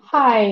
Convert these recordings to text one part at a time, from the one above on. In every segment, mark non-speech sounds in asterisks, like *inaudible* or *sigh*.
嗨，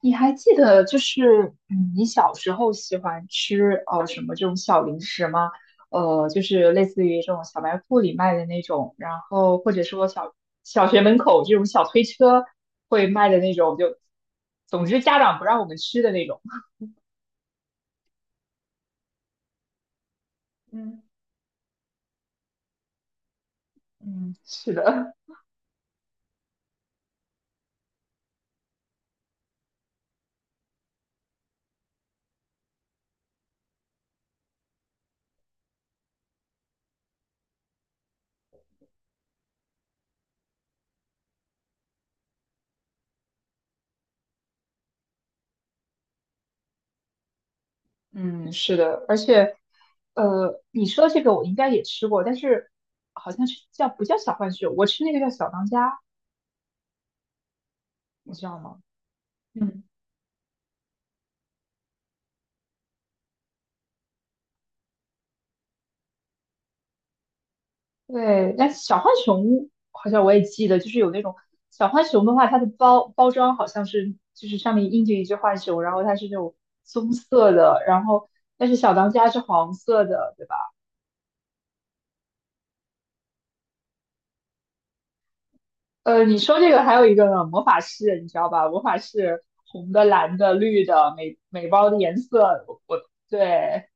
你还记得就是你小时候喜欢吃什么这种小零食吗？就是类似于这种小卖部里卖的那种，然后或者说小学门口这种小推车会卖的那种，就总之家长不让我们吃的那种。嗯嗯，是的，嗯，是的，而且你说这个我应该也吃过，但是好像是叫不叫小浣熊，我吃那个叫小当家，你知道吗？嗯。对，但小浣熊好像我也记得，就是有那种小浣熊的话，它的包装好像是就是上面印着一只浣熊，然后它是那种棕色的，然后但是小当家是黄色的，对吧？你说这个还有一个呢魔法士，你知道吧？魔法士红的、蓝的、绿的，每包的颜色，我，对，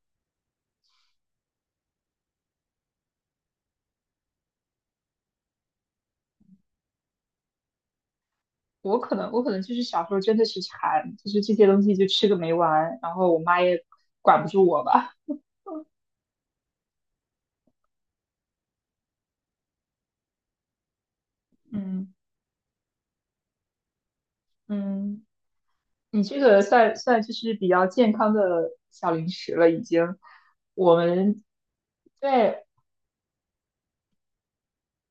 我可能就是小时候真的是馋，就是这些东西就吃个没完，然后我妈也管不住我吧，嗯。嗯。你这个算就是比较健康的小零食了，已经。我们，对，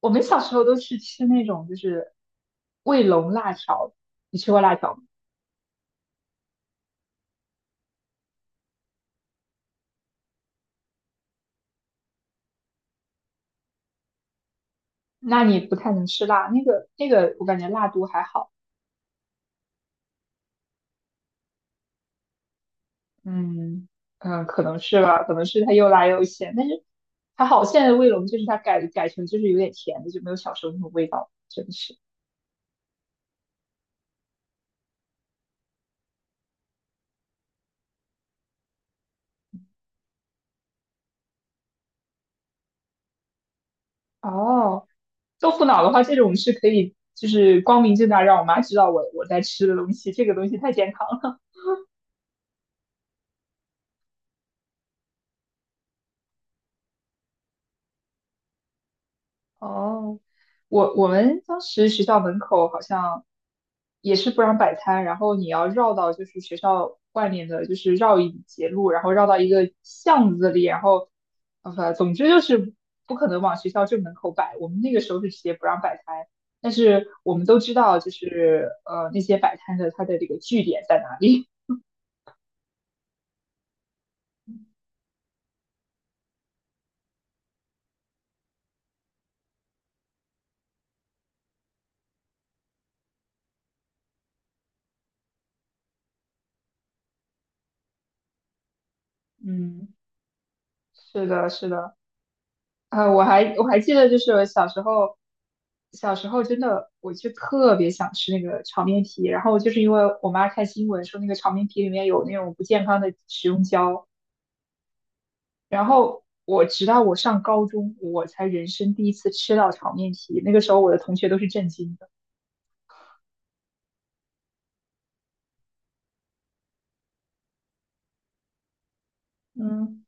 我们小时候都是吃那种就是卫龙辣条，你吃过辣条吗？那你不太能吃辣，那个我感觉辣度还好，嗯嗯，可能是吧，可能是它又辣又咸，但是还好现在的卫龙就是它改成就是有点甜的，就没有小时候那种味道，真的是。哦，豆腐脑的话，这种是可以，就是光明正大让我妈知道我在吃的东西，这个东西太健康了。*laughs* 哦，我们当时学校门口好像也是不让摆摊，然后你要绕到就是学校外面的，就是绕一节路，然后绕到一个巷子里，然后总之就是不可能往学校正门口摆。我们那个时候是直接不让摆摊，但是我们都知道就是那些摆摊的它的这个据点在哪里。*laughs* 嗯，是的，是的。我还记得，就是我小时候真的，我就特别想吃那个炒面皮，然后就是因为我妈看新闻说那个炒面皮里面有那种不健康的食用胶，然后我直到我上高中，我才人生第一次吃到炒面皮，那个时候我的同学都是震惊的。嗯。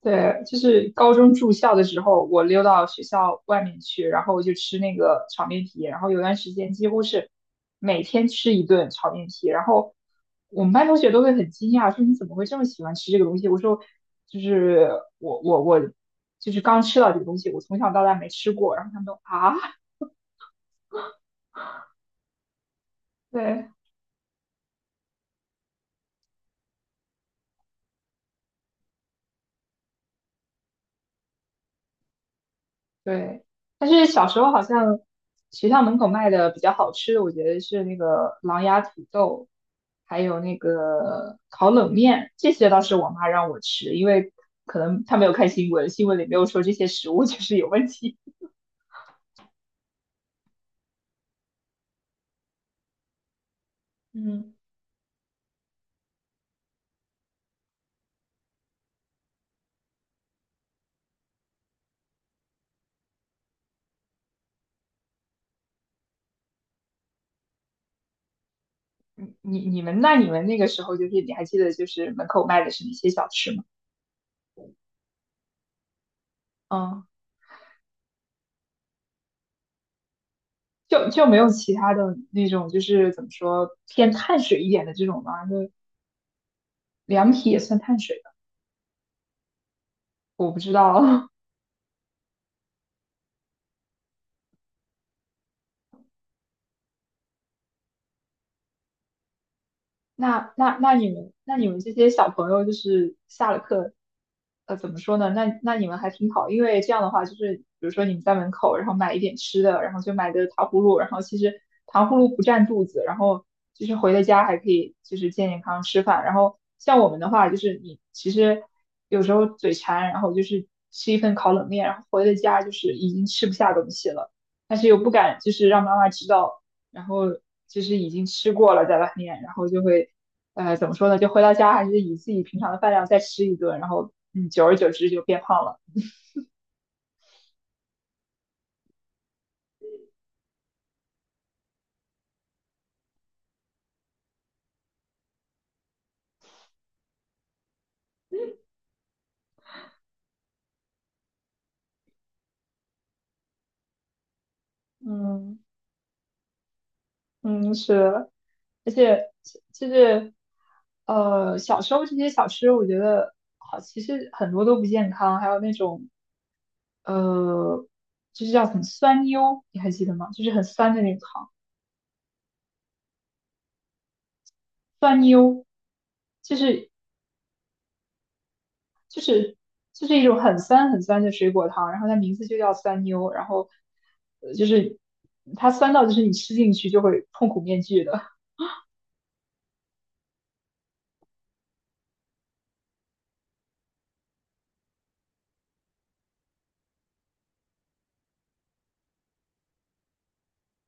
对，就是高中住校的时候，我溜到学校外面去，然后我就吃那个炒面皮，然后有段时间几乎是每天吃一顿炒面皮，然后我们班同学都会很惊讶，说你怎么会这么喜欢吃这个东西？我说就是我就是刚吃到这个东西，我从小到大没吃过，然后他们都啊，*laughs* 对，对，但是小时候好像学校门口卖的比较好吃的，我觉得是那个狼牙土豆，还有那个烤冷面，这些倒是我妈让我吃，因为可能她没有看新闻，新闻里没有说这些食物就是有问题。嗯，你们那个时候就是你还记得就是门口卖的是哪些小吃吗？嗯，就没有其他的那种就是怎么说偏碳水一点的这种吗？就凉皮也算碳水吧？我不知道。*laughs* 那你们这些小朋友就是下了课，怎么说呢？那你们还挺好，因为这样的话就是，比如说你们在门口，然后买一点吃的，然后就买个糖葫芦，然后其实糖葫芦不占肚子，然后就是回了家还可以就是健健康康吃饭。然后像我们的话，就是你其实有时候嘴馋，然后就是吃一份烤冷面，然后回了家就是已经吃不下东西了，但是又不敢就是让妈妈知道。然后就是已经吃过了在外面，然后就会，怎么说呢？就回到家还是以自己平常的饭量再吃一顿，然后久而久之就变胖了。嗯嗯，是的，而且就是小时候这些小吃，我觉得好，其实很多都不健康，还有那种呃，就是叫很酸妞，你还记得吗？就是很酸的那种糖，酸妞，就是就是一种很酸很酸的水果糖，然后它名字就叫酸妞，然后就是它酸到就是你吃进去就会痛苦面具的，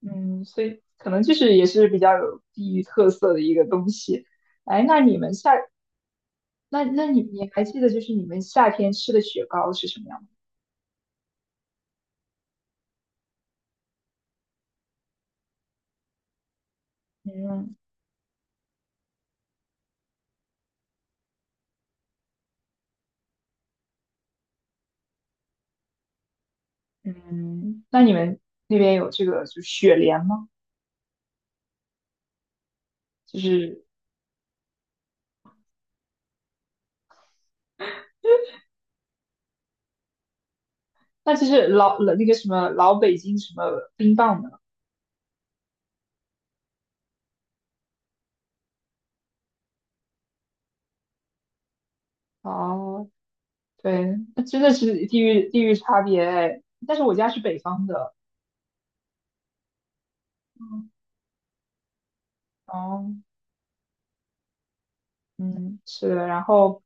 嗯，所以可能就是也是比较有地域特色的一个东西。哎，那你们夏那那你你还记得就是你们夏天吃的雪糕是什么样吗？嗯嗯，那你们那边有这个就是雪莲吗？就是那就是老那个什么老北京什么冰棒呢？哦，对，那真的是地域差别哎。但是我家是北方的，嗯，哦，嗯，是的。然后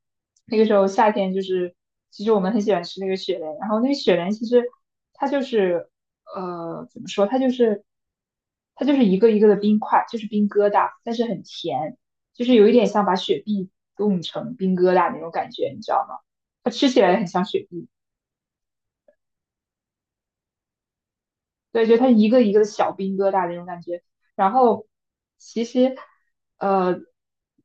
那个时候夏天就是，其实我们很喜欢吃那个雪莲。然后那个雪莲其实它就是，怎么说？它就是一个一个的冰块，就是冰疙瘩，但是很甜，就是有一点像把雪碧冻成冰疙瘩那种感觉，你知道吗？它吃起来很像雪碧。对，就它一个一个的小冰疙瘩那种感觉。然后其实，呃，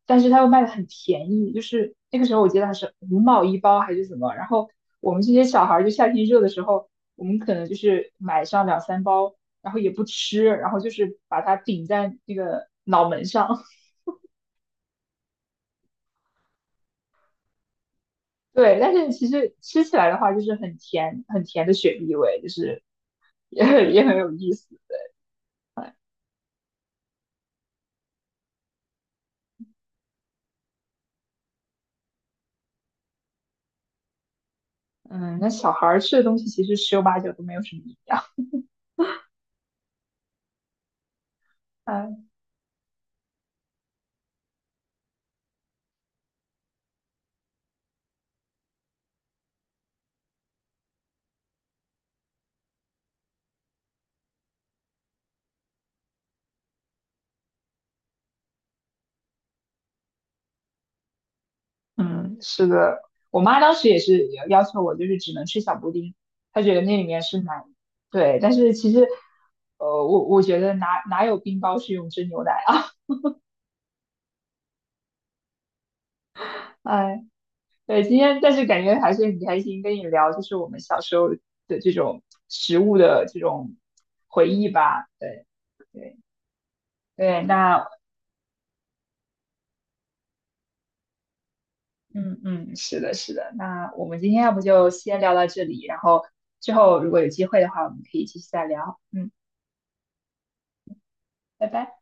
但是它又卖的很便宜，就是那个时候我记得还是5毛一包还是怎么。然后我们这些小孩儿就夏天热的时候，我们可能就是买上两三包，然后也不吃，然后就是把它顶在那个脑门上。*laughs* 对，但是其实吃起来的话，就是很甜很甜的雪碧味，就是也 *laughs* 也很有意思。嗯，那小孩儿吃的东西其实十有八九都没有什么营养。嗯。嗯，是的，我妈当时也是要求我，就是只能吃小布丁，她觉得那里面是奶。对，但是其实，我觉得哪有冰雹是用真牛奶啊？*laughs* 哎，对，今天但是感觉还是很开心跟你聊，就是我们小时候的这种食物的这种回忆吧。对对对，那嗯嗯，是的，是的，那我们今天要不就先聊到这里，然后之后如果有机会的话，我们可以继续再聊。嗯，拜拜。